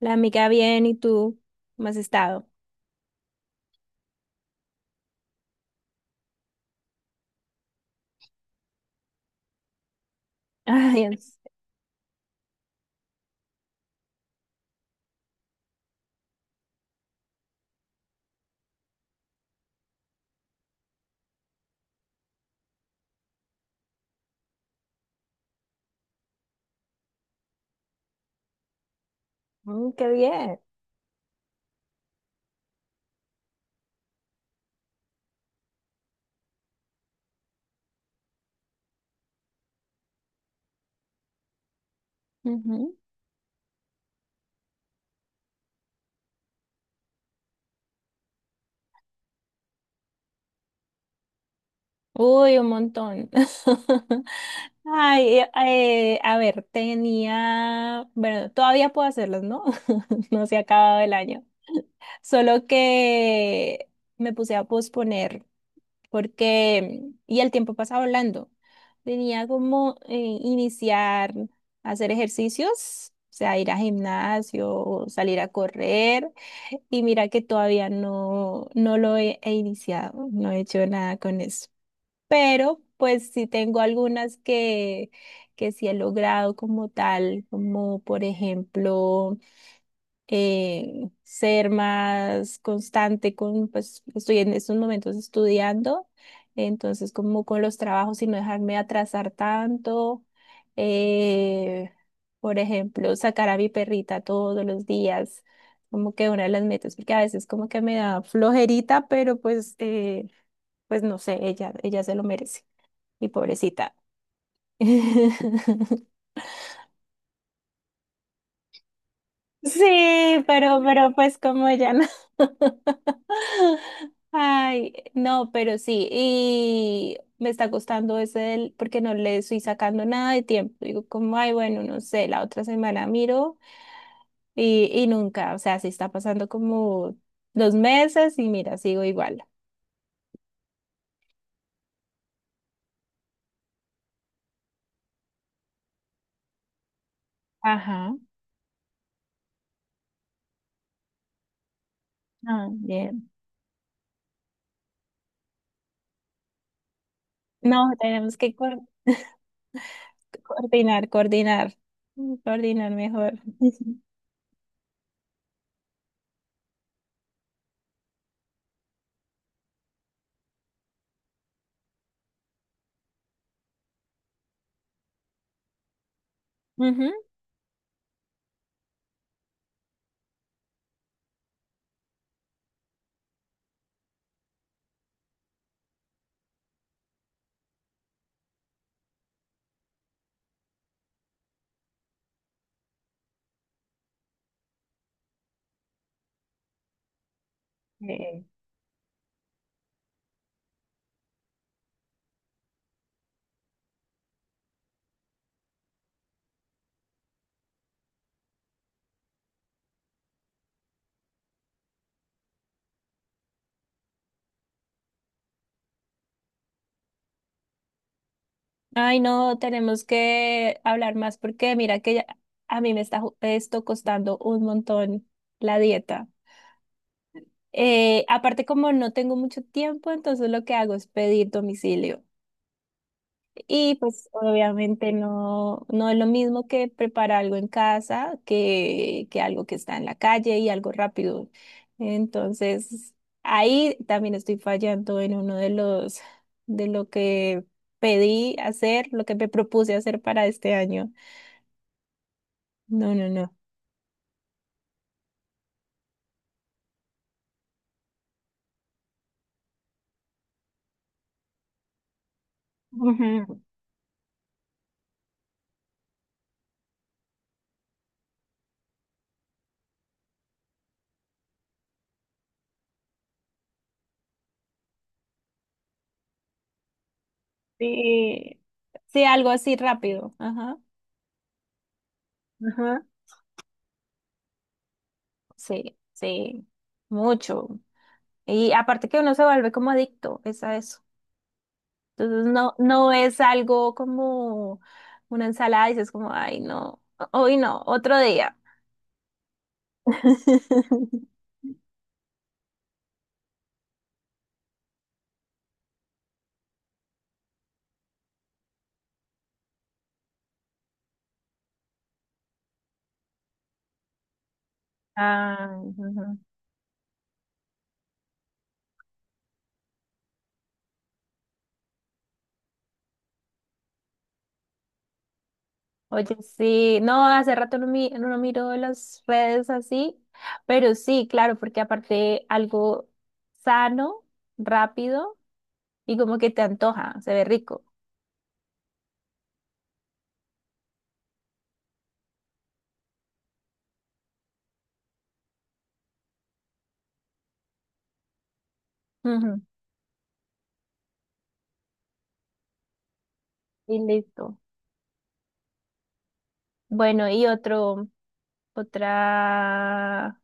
La amiga bien, ¿y tú? ¿Cómo has estado? Ay, en serio. Mm, qué bien. Ujú. Uy, un montón. Ay, a ver, tenía, bueno, todavía puedo hacerlos, ¿no? No se ha acabado el año. Solo que me puse a posponer porque, y el tiempo pasa volando. Tenía como iniciar a hacer ejercicios, o sea, ir a gimnasio, salir a correr. Y mira que todavía no lo he iniciado, no he hecho nada con eso. Pero pues sí tengo algunas que sí he logrado como tal, como por ejemplo ser más constante con, pues estoy en estos momentos estudiando, entonces como con los trabajos y no dejarme atrasar tanto. Eh, por ejemplo, sacar a mi perrita todos los días, como que una de las metas, porque a veces como que me da flojerita, pero pues, pues no sé, ella se lo merece, mi pobrecita. Sí, pero pues como ya no. Ay, no, pero sí, y me está costando ese del- porque no le estoy sacando nada de tiempo. Digo, como, ay, bueno, no sé, la otra semana miro y nunca, o sea, sí está pasando como dos meses y mira, sigo igual. Ajá, ah, bien. No, tenemos que coor- coordinar, coordinar, coordinar mejor. Ujú. Sí. Ay, no, tenemos que hablar más porque mira que ya- a mí me está ju- esto costando un montón la dieta. Aparte, como no tengo mucho tiempo, entonces lo que hago es pedir domicilio. Y pues obviamente no es lo mismo que preparar algo en casa que algo que está en la calle y algo rápido. Entonces, ahí también estoy fallando en uno de los, de lo que pedí hacer, lo que me propuse hacer para este año. No, no, no. Ujú. Sí, sí, algo así rápido. Ajá. Ajá. Sí, sí, mucho. Y aparte que uno se vuelve como adicto, es a eso. Entonces no es algo como una ensalada, dices como, ay, no, hoy no, otro día. Ah, ujú. Oye, sí, no, hace rato no, no miro las redes así, pero sí, claro, porque aparte algo sano, rápido y como que te antoja, se ve rico. Ujú. Y listo. Bueno, y otro. Otra,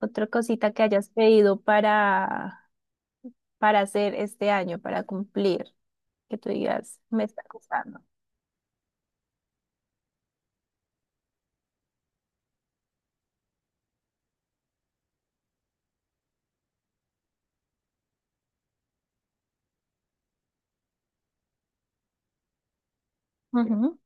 otra cosita que hayas pedido para hacer este año, para cumplir, que tú digas, me está costando. Ujú.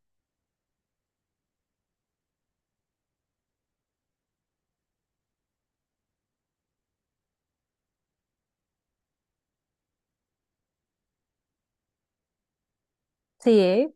Sí,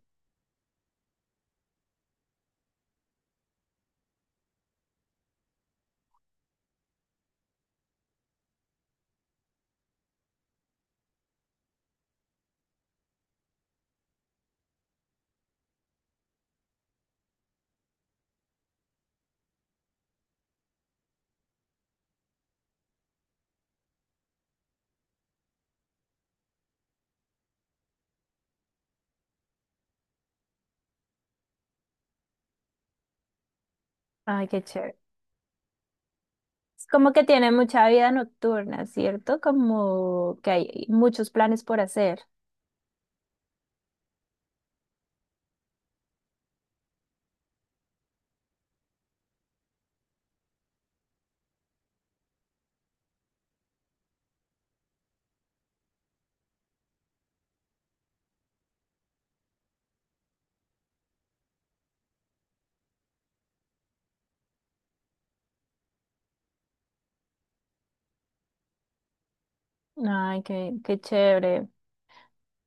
ay, qué chévere. Es como que tiene mucha vida nocturna, ¿cierto? Como que hay muchos planes por hacer. Ay, qué, qué chévere.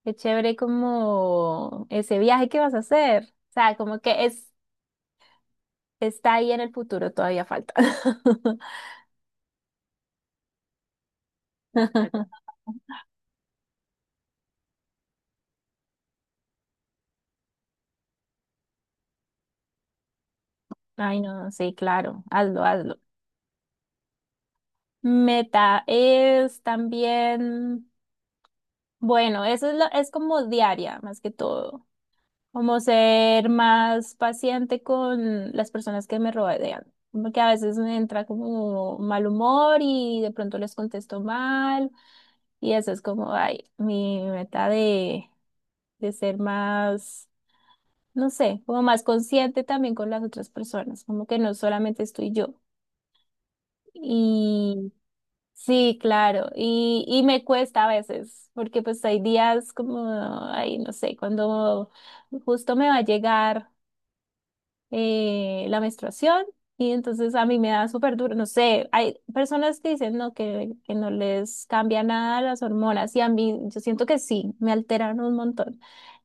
Qué chévere como ese viaje que vas a hacer. O sea, como que es, está ahí en el futuro, todavía falta. Ay, no, sí, claro, hazlo, hazlo. Meta es también, bueno, eso es, lo- es como diaria más que todo, como ser más paciente con las personas que me rodean, como que a veces me entra como mal humor y de pronto les contesto mal y eso es como, ay, mi meta de ser más, no sé, como más consciente también con las otras personas, como que no solamente estoy yo. Sí, claro, y me cuesta a veces, porque pues hay días como, ay, no sé, cuando justo me va a llegar la menstruación y entonces a mí me da súper duro, no sé, hay personas que dicen no, que no les cambia nada las hormonas y a mí yo siento que sí, me alteran un montón.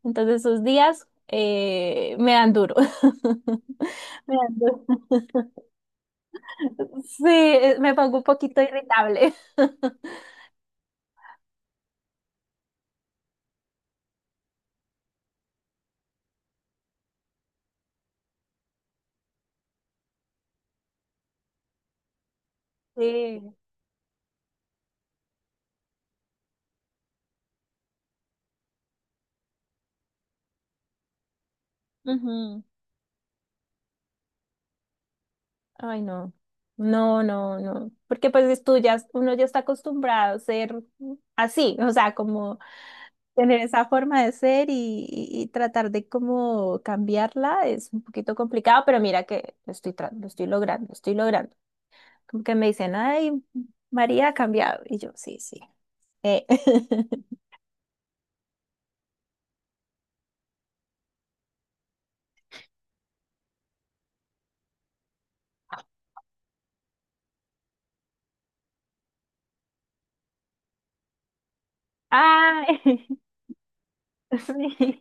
Entonces esos días me dan duro. Me dan duro. Sí, me pongo un poquito irritable. Sí. Ujú. Ay, no. No, no, no. Porque pues es tú ya, uno ya está acostumbrado a ser así, o sea, como tener esa forma de ser y tratar de como cambiarla es un poquito complicado, pero mira que lo estoy, tra- lo estoy logrando, lo estoy logrando. Como que me dicen, ay, María ha cambiado. Y yo, sí, sí. Eh. Ah, sí.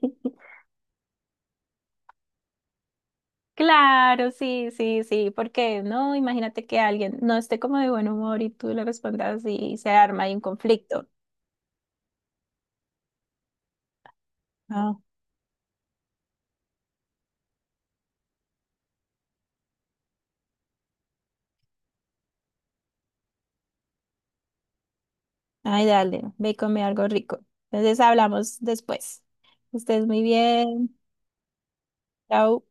Claro, sí, sí, sí, porque no, imagínate que alguien no esté como de buen humor y tú le respondas y se arma ahí un conflicto. Ah, ay, dale, ve y come algo rico. Entonces hablamos después. Que estés muy bien. Chao.